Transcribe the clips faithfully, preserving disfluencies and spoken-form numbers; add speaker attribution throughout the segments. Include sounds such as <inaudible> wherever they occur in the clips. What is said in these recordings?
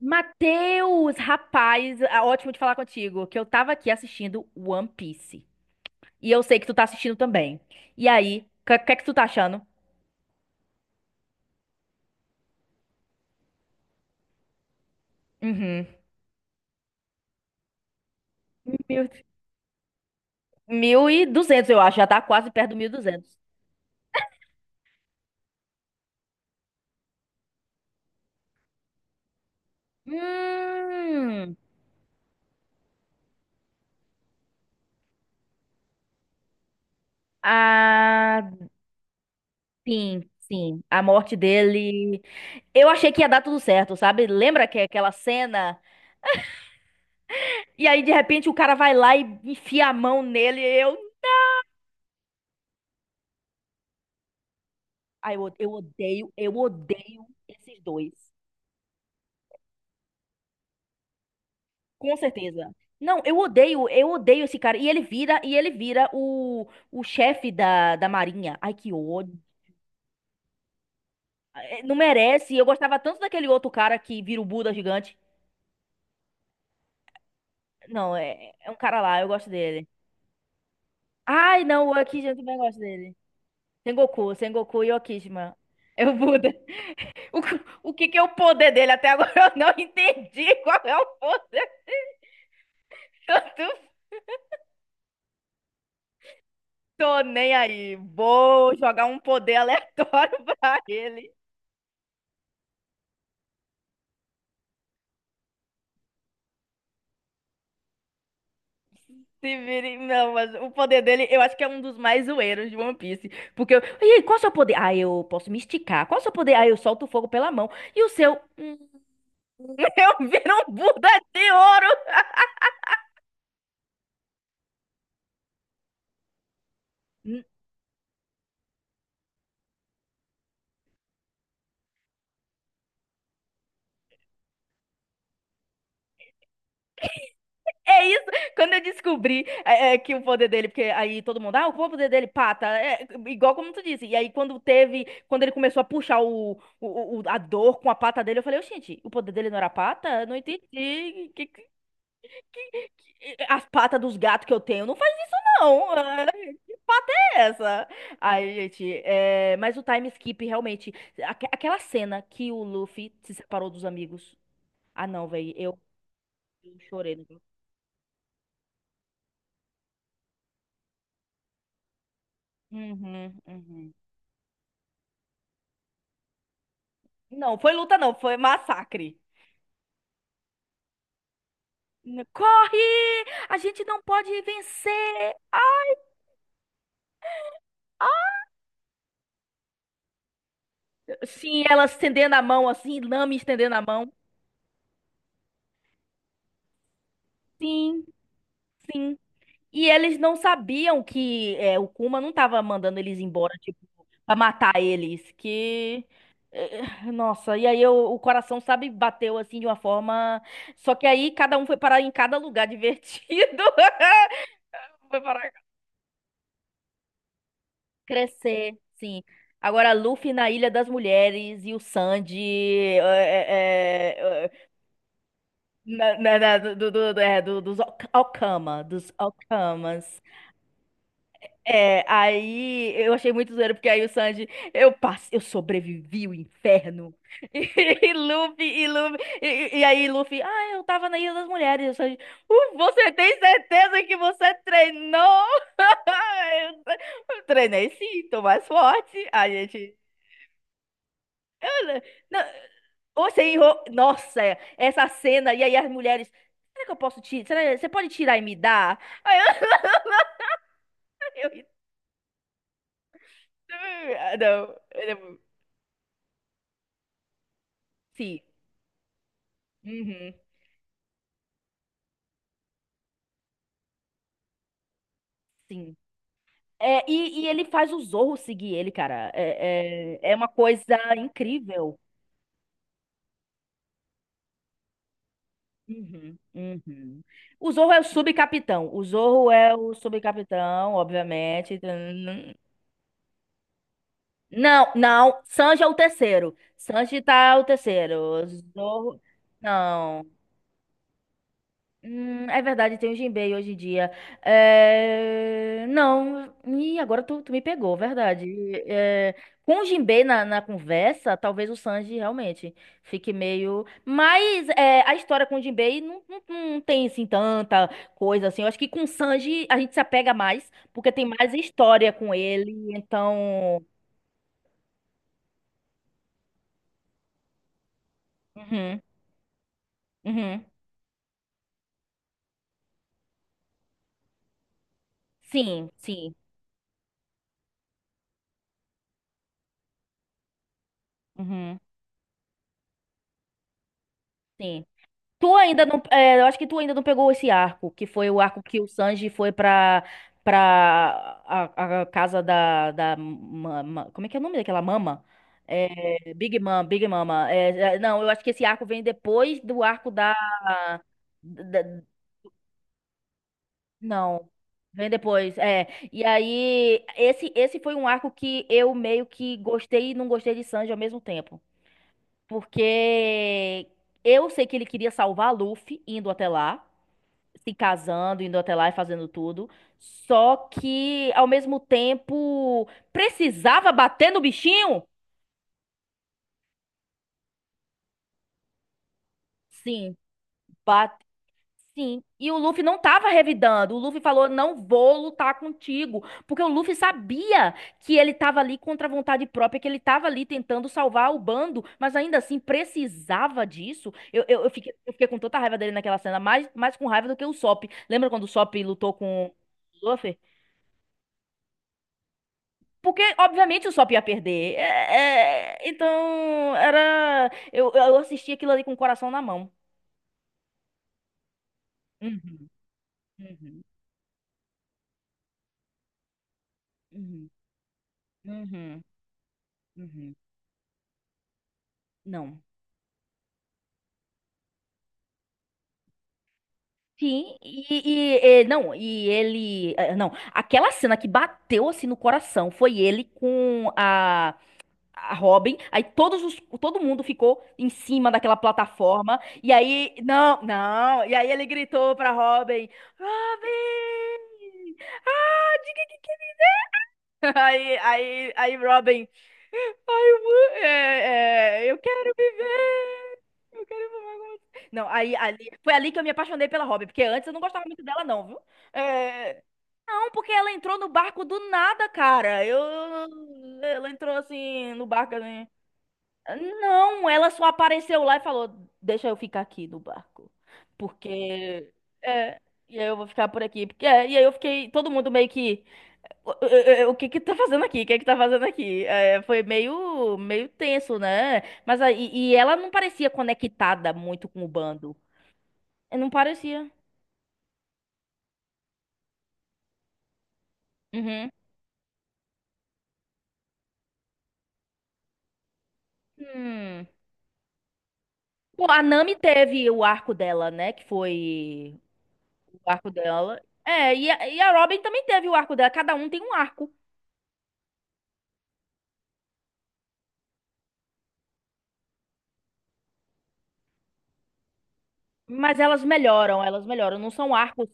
Speaker 1: Matheus, rapaz, ah, ótimo de falar contigo, que eu tava aqui assistindo One Piece. E eu sei que tu tá assistindo também. E aí, o que, que é que tu tá achando? Uhum. Mil, mil e duzentos, eu acho, já tá quase perto do mil e duzentos. Hum, ah, sim, sim, a morte dele. Eu achei que ia dar tudo certo, sabe? Lembra que aquela cena? E aí, de repente, o cara vai lá e enfia a mão nele. Eu, ai, eu, eu odeio, eu odeio esses dois. Com certeza. Não, eu odeio, eu odeio esse cara. E ele vira, e ele vira o, o chefe da, da Marinha. Ai, que ódio. É, não merece. Eu gostava tanto daquele outro cara que vira o Buda gigante. Não, é, é um cara lá, eu gosto dele. Ai, não, o Akishima eu também gosto dele. Sengoku, Sengoku e Okishima. É o Buda. O, que- o que que é o poder dele? Até agora eu não <laughs> entendi qual é o poder. Eu não tô nem aí. Vou jogar um poder aleatório <laughs> pra ele. Se vire- Não, mas o poder dele, eu acho que é um dos mais zoeiros de One Piece. Porque eu. E aí, qual é o seu poder? Ah, eu posso me esticar. Qual é o seu poder? Ah, eu solto o fogo pela mão. E o seu. Hum, <laughs> Eu viro um Buda de ouro! <laughs> Hum, É isso. Quando eu descobri é, é, que o poder dele, porque aí todo mundo, ah, qual é o poder dele? Pata. É, igual como tu disse. E aí, quando teve. Quando ele começou a puxar o, o, o- a dor com a pata dele, eu falei, gente, o poder dele não era pata? Eu não entendi. Que- que- As patas dos gatos que eu tenho não. Não, é, que pata é essa? Aí, gente, é, mas o time skip realmente. aque- aquela cena que o Luffy se separou dos amigos. Ah, não, velho, eu, eu chorei, né? Uhum, uhum. Não, foi luta, não, foi massacre. Corre! A gente não pode vencer! Ah, ah. Sim, ela estendendo a mão assim, Nami estendendo a mão. Sim, sim. E eles não sabiam que é, o Kuma não tava mandando eles embora, tipo, pra matar eles. Que. eh, Nossa, e aí eu- o coração, sabe, bateu assim de uma forma. Só que aí cada um foi parar em cada lugar divertido. <laughs> Foi parar. Crescer, sim. Agora, Luffy na Ilha das Mulheres e o Sanji eh, eh, eh, eh, na- na- na- do, do- do- é, do- dos Ok- Okama, dos Okamas. É, aí eu achei muito zoeiro, porque aí o Sanji, eu passe eu sobrevivi o inferno. <laughs> E, Luffy, e Luffy, e, e- e aí Luffy, ah, eu tava na Ilha das Mulheres. E o Sanji: "Uh, você tem certeza que você treinou?" <laughs> Eu treinei sim, tô mais forte. A gente. "Olha, não, você enrolou." Nossa, essa cena, e aí as mulheres, será que eu posso tirar? Será, você pode tirar e me dar? Aí eu, <laughs> eu, ah, não, eu é mu- sim. Uhum. Sim. É, e, e ele faz o Zorro seguir ele, cara. É, é, é uma coisa incrível. Uhum, uhum. O Zorro é o subcapitão. O Zorro é o subcapitão, obviamente. Não, não. Sanji é o terceiro. Sanji tá o terceiro. Zorro. Não. Hum, é verdade, tem o Jinbei hoje em dia. É, não, e agora tu, tu me pegou, verdade. É, com o Jinbei na, na conversa, talvez o Sanji realmente fique meio. Mas é, a história com o Jinbei não, não, não tem assim tanta coisa assim. Eu acho que com o Sanji a gente se apega mais, porque tem mais história com ele. Então. Uhum, uhum. Sim, sim. Uhum, sim. Tu ainda não, é, eu acho que tu ainda não pegou esse arco, que foi o arco que o Sanji foi pra, pra a, a casa da, da mama, como é que é o nome daquela mama? É, Big Mama, Big Mama. É, é, não, eu acho que esse arco vem depois do arco da, da- não, vem depois, é. E aí, esse, esse foi um arco que eu meio que gostei e não gostei de Sanji ao mesmo tempo. Porque eu sei que ele queria salvar Luffy indo até lá. Se casando, indo até lá e fazendo tudo. Só que, ao mesmo tempo, precisava bater no bichinho? Sim, bate. Sim. E o Luffy não tava revidando. O Luffy falou: não vou lutar contigo. Porque o Luffy sabia que ele tava ali contra a vontade própria, que ele tava ali tentando salvar o bando, mas ainda assim precisava disso. Eu, eu, eu fiquei, eu fiquei com tanta raiva dele naquela cena, mais, mais com raiva do que o Sop. Lembra quando o Sop lutou com o Luffy? Porque, obviamente, o Sop ia perder. É, é, então, era. Eu, eu assisti aquilo ali com o coração na mão. Uhum, uhum, uhum, uhum, uhum. Não. Sim, e, e- e- não, e ele. eh, Não, aquela cena que bateu assim no coração foi ele com a, a Robin. Aí todos os, todo mundo ficou em cima daquela plataforma. E aí. Não, não. E aí ele gritou pra Robin: Robin! Ah, diga que. <laughs> Aí, aí, aí, Robin. Ai, eu, vou- é, é, eu quero viver. Eu quero voar com você. Não, aí, ali, foi ali que eu me apaixonei pela Robin, porque antes eu não gostava muito dela, não, viu? É, não, porque ela entrou no barco do nada, cara. Eu, ela entrou assim no barco assim. Não, ela só apareceu lá e falou: deixa eu ficar aqui no barco. Porque. É, e aí eu vou ficar por aqui. Porque, é, e aí eu fiquei. Todo mundo meio que. O o- o- o que que tá fazendo aqui? O que é que tá fazendo aqui? É, foi meio, meio tenso, né? Mas aí, e ela não parecia conectada muito com o bando. É, não parecia. Uhum. Hum. Pô, a Nami teve o arco dela, né? Que foi o arco dela. É, e a, e a Robin também teve o arco dela. Cada um tem um arco. Mas elas melhoram, elas melhoram. Não são arcos,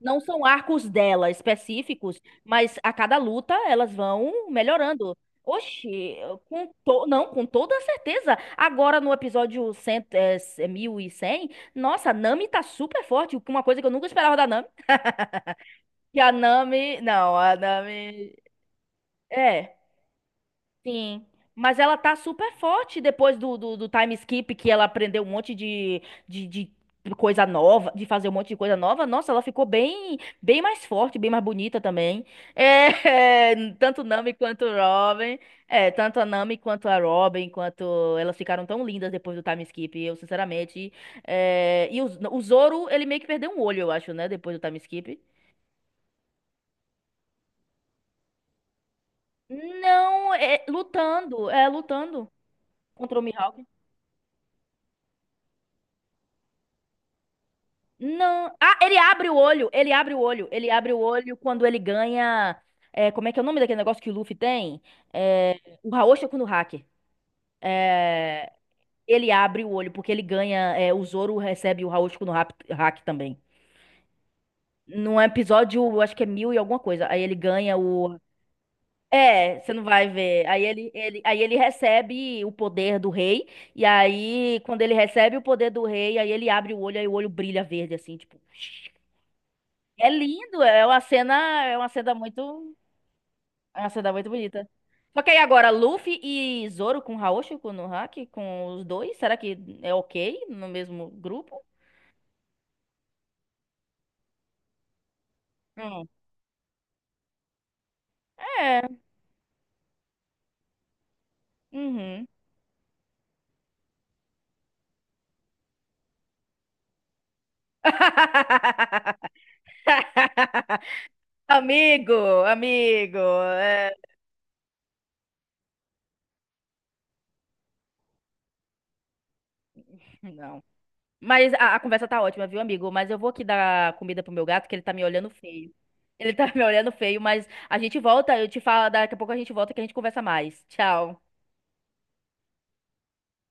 Speaker 1: não são arcos dela específicos, mas a cada luta elas vão melhorando. Oxi, com to... não, com toda certeza. Agora no episódio cem, é, é, mil e cem, nossa, a Nami tá super forte, uma coisa que eu nunca esperava da Nami. Que a Nami, não, a Nami, é. Sim, mas ela tá super forte depois do, do, do time skip que ela aprendeu um monte de, de, de coisa nova, de fazer um monte de coisa nova. Nossa, ela ficou bem bem mais forte, bem mais bonita também. É, <laughs> tanto Nami quanto Robin, é, tanto a Nami quanto a Robin, quanto elas ficaram tão lindas depois do time skip. Eu, sinceramente, é, e o, o Zoro, ele meio que perdeu um olho, eu acho, né, depois do time skip. Não, é lutando, é lutando contra o Mihawk. Não. Ah, ele abre o olho. Ele abre o olho. Ele abre o olho quando ele ganha. é, como é que é o nome daquele negócio que o Luffy tem? É, o Raoshi no hack. É, ele abre o olho porque ele ganha. É, o Zoro recebe o Raoshi no hack também. Num episódio, eu acho que é mil e alguma coisa. Aí ele ganha o. É, você não vai ver. Aí ele, ele, aí ele recebe o poder do rei. E aí, quando ele recebe o poder do rei, aí ele abre o olho, aí o olho brilha verde, assim, tipo. É lindo, é uma cena, é uma cena muito, é uma cena muito bonita. Só que aí agora, Luffy e Zoro com Haoshu, com Nohaki, com os dois, será que é ok no mesmo grupo? Hum. É, uhum. <laughs> Amigo, amigo, é, não. Mas a, a conversa tá ótima, viu, amigo? Mas eu vou aqui dar comida pro meu gato, que ele tá me olhando feio. Ele tá <laughs> me olhando feio, mas a gente volta, eu te falo, daqui a pouco a gente volta que a gente conversa mais. Tchau.